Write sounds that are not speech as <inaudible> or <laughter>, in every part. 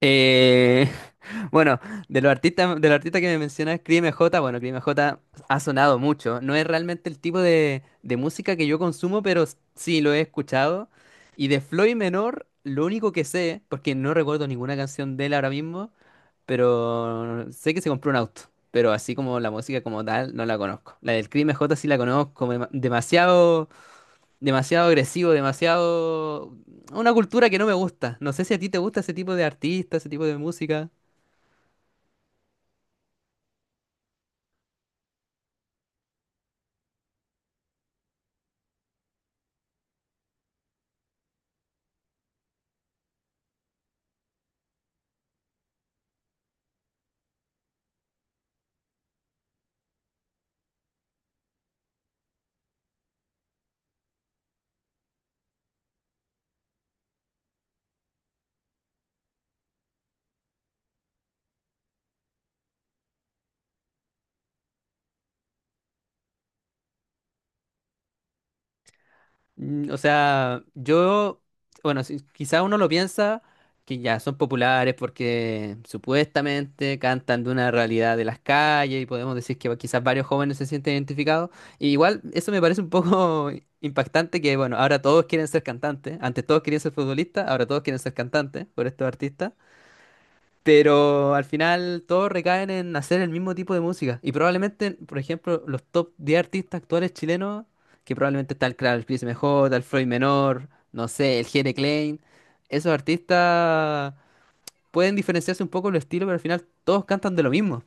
Eh, <laughs> bueno, de los artistas que me mencionas, Cris M J, bueno, Cris M J ha sonado mucho. No es realmente el tipo de música que yo consumo, pero sí lo he escuchado. Y de Floyd Menor, lo único que sé, porque no recuerdo ninguna canción de él ahora mismo, pero sé que se compró un auto. Pero así como la música como tal, no la conozco. La del Cris M J sí la conozco, demasiado demasiado agresivo, demasiado... Una cultura que no me gusta. No sé si a ti te gusta ese tipo de artista, ese tipo de música. Mm, o sea, yo, bueno, quizá uno lo piensa que ya son populares porque supuestamente cantan de una realidad de las calles y podemos decir que quizás varios jóvenes se sienten identificados. Y igual eso me parece un poco <laughs> impactante que, bueno, ahora todos quieren ser cantantes. Antes todos querían ser futbolistas, ahora todos quieren ser cantantes por estos artistas. Pero al final todos recaen en hacer el mismo tipo de música. Y probablemente, por ejemplo, los top 10 artistas actuales chilenos, que probablemente está el Krav, el Chris MJ, el Floyd Menor, no sé, el Jere Klein, esos artistas pueden diferenciarse un poco los estilos, pero al final todos cantan de lo mismo.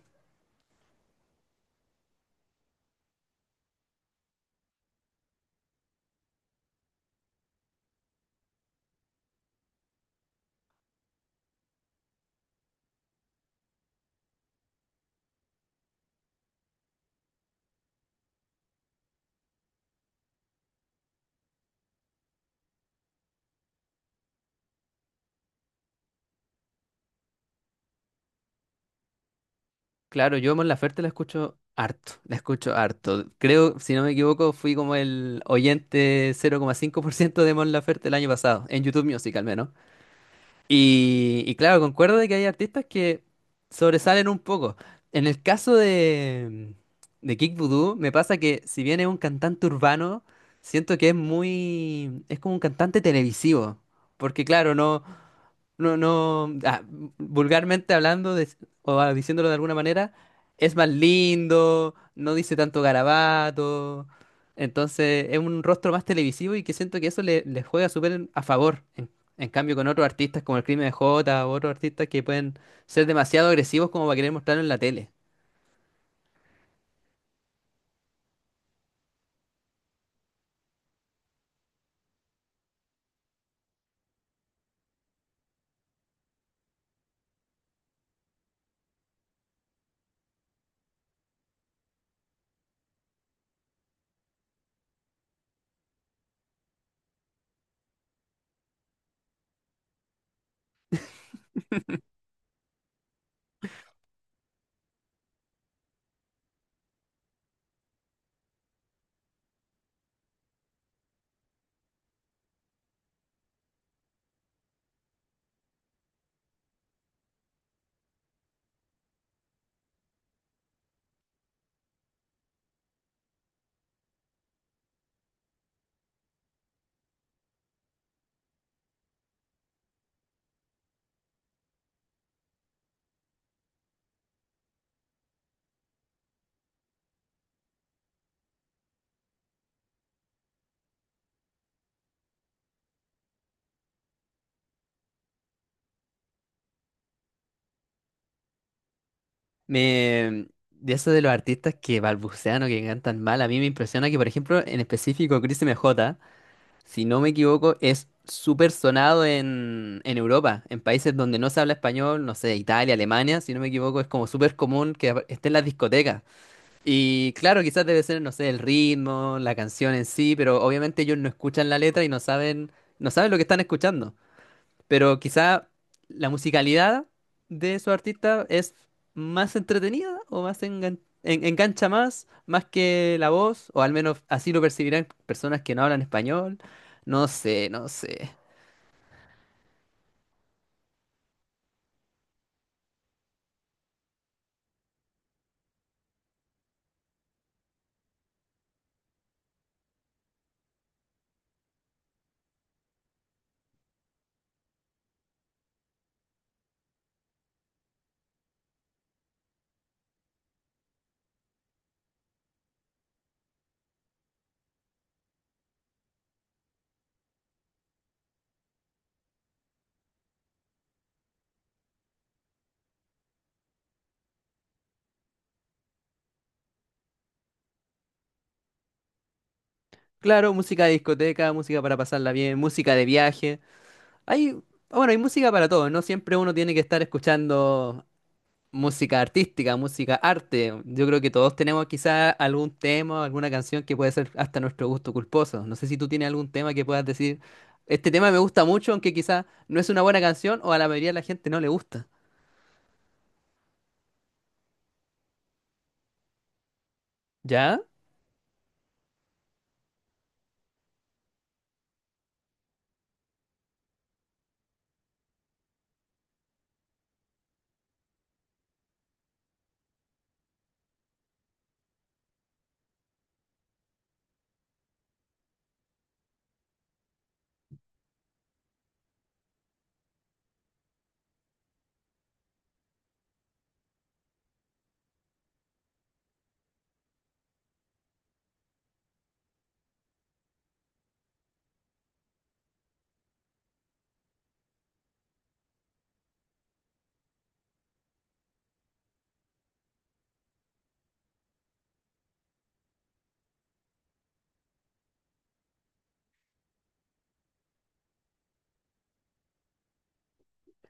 Claro, yo Mon Laferte la escucho harto, la escucho harto. Creo, si no me equivoco, fui como el oyente 0,5% de Mon Laferte el año pasado, en YouTube Music al menos. Y claro, concuerdo de que hay artistas que sobresalen un poco. En el caso de Kick Voodoo, me pasa que si bien es un cantante urbano, siento que es muy, es como un cantante televisivo. Porque claro, no, no, no, ah, vulgarmente o diciéndolo de alguna manera, es más lindo, no dice tanto garabato, entonces es un rostro más televisivo y que siento que eso le, le juega súper a favor. En cambio, con otros artistas como el Crimen de Jota o otros artistas que pueden ser demasiado agresivos como para querer mostrarlo en la tele. Me, de eso de los artistas que balbucean o que cantan mal, a mí me impresiona que, por ejemplo, en específico, Crimen J, si no me equivoco, es súper sonado en Europa, en países donde no se habla español, no sé, Italia, Alemania, si no me equivoco, es como súper común que esté en las discotecas. Y claro, quizás debe ser, no sé, el ritmo, la canción en sí, pero obviamente ellos no escuchan la letra y no saben, no saben lo que están escuchando. Pero quizá la musicalidad de su artista es más entretenida o más engancha más, más que la voz, o al menos así lo percibirán personas que no hablan español. No sé, no sé. Claro, música de discoteca, música para pasarla bien, música de viaje. Hay, bueno, hay música para todo, no siempre uno tiene que estar escuchando música artística, música arte. Yo creo que todos tenemos quizá algún tema alguna canción que puede ser hasta nuestro gusto culposo. No sé si tú tienes algún tema que puedas decir, este tema me gusta mucho, aunque quizá no es una buena canción o a la mayoría de la gente no le gusta. ¿Ya?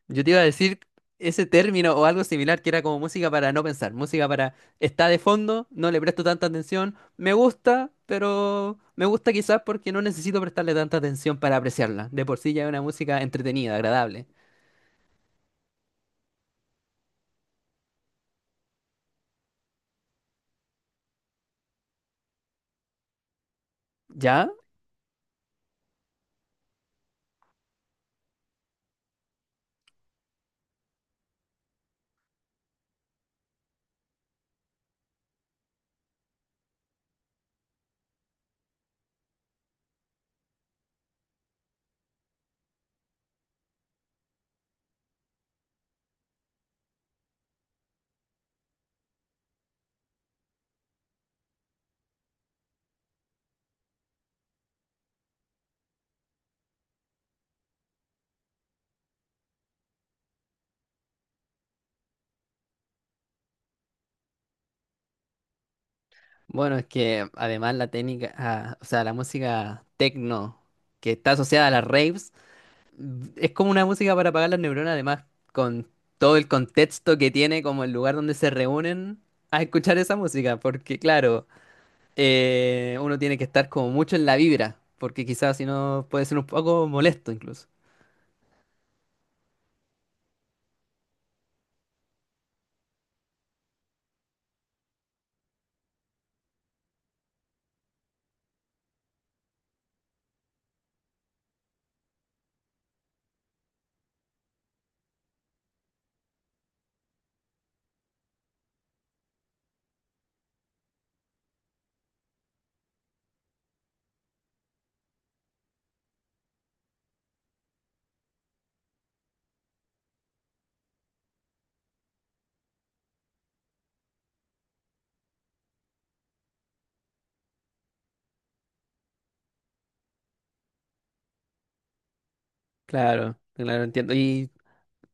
Yo te iba a decir ese término o algo similar que era como música para no pensar, música para está de fondo, no le presto tanta atención, me gusta, pero me gusta quizás porque no necesito prestarle tanta atención para apreciarla. De por sí ya es una música entretenida, agradable. ¿Ya? Bueno, es que además la técnica, ah, o sea, la música techno que está asociada a las raves, mm, es como una música para apagar las neuronas, además, con todo el contexto que tiene, como el lugar donde se reúnen a escuchar esa música, porque claro, uno tiene que estar como mucho en la vibra, porque quizás si no puede ser un poco molesto incluso. Claro, claro, entiendo. Y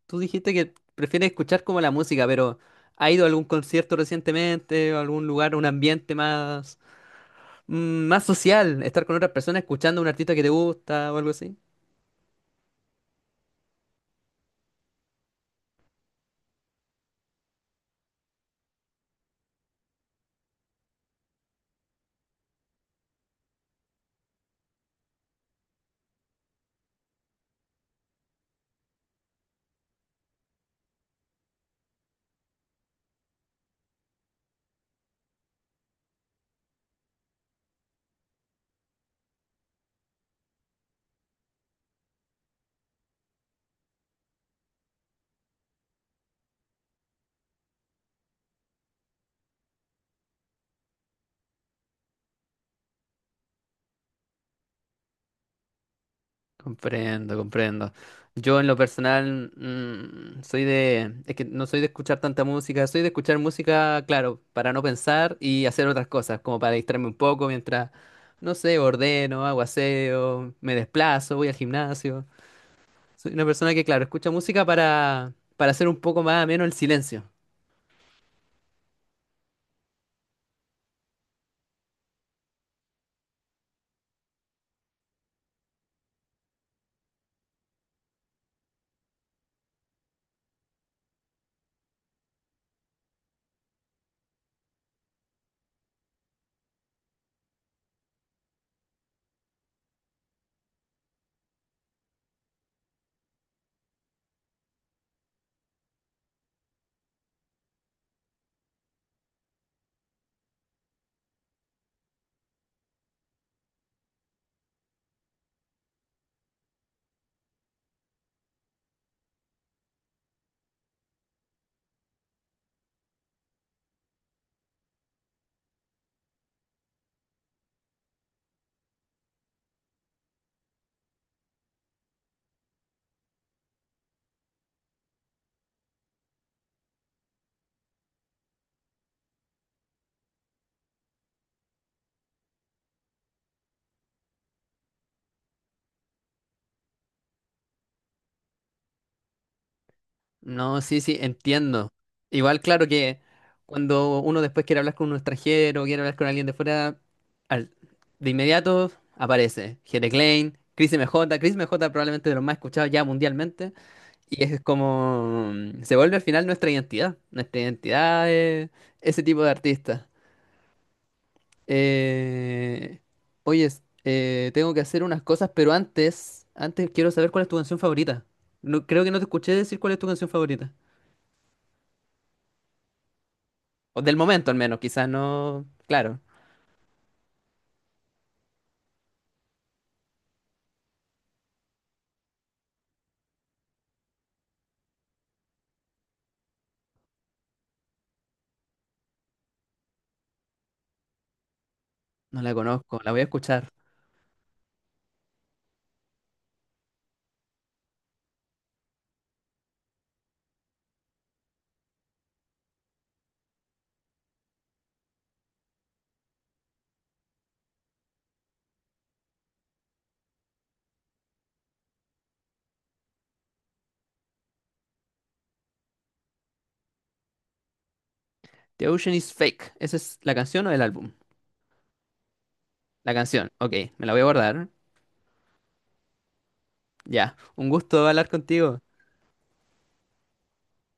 tú dijiste que prefieres escuchar como la música, pero ¿ha ido a algún concierto recientemente, o algún lugar, un ambiente más... mm, más social, estar con otras personas escuchando a un artista que te gusta o algo así? Comprendo, comprendo. Yo en lo personal mm, soy de, es que no soy de escuchar tanta música, soy de escuchar música, claro, para no pensar y hacer otras cosas, como para distraerme un poco mientras, no sé, ordeno, hago aseo, me desplazo, voy al gimnasio. Soy una persona que, claro, escucha música para hacer un poco más ameno el silencio. No, sí, sí, entiendo. Igual, claro que cuando uno después quiere hablar con un extranjero, quiere hablar con alguien de fuera, al- de inmediato aparece Jere Klein, Chris MJ, Chris MJ probablemente de los más escuchados ya mundialmente, y es como, mm, se vuelve al final nuestra identidad es ese tipo de artista. Eh, oye, tengo que hacer unas cosas, pero antes, antes quiero saber cuál es tu canción favorita. No, creo que no te escuché decir cuál es tu canción favorita. O del momento al menos, quizás no, claro, no la conozco, la voy a escuchar. The Ocean is Fake, ¿esa es la canción o el álbum? La canción, ok, me la voy a guardar. Ya, un gusto hablar contigo.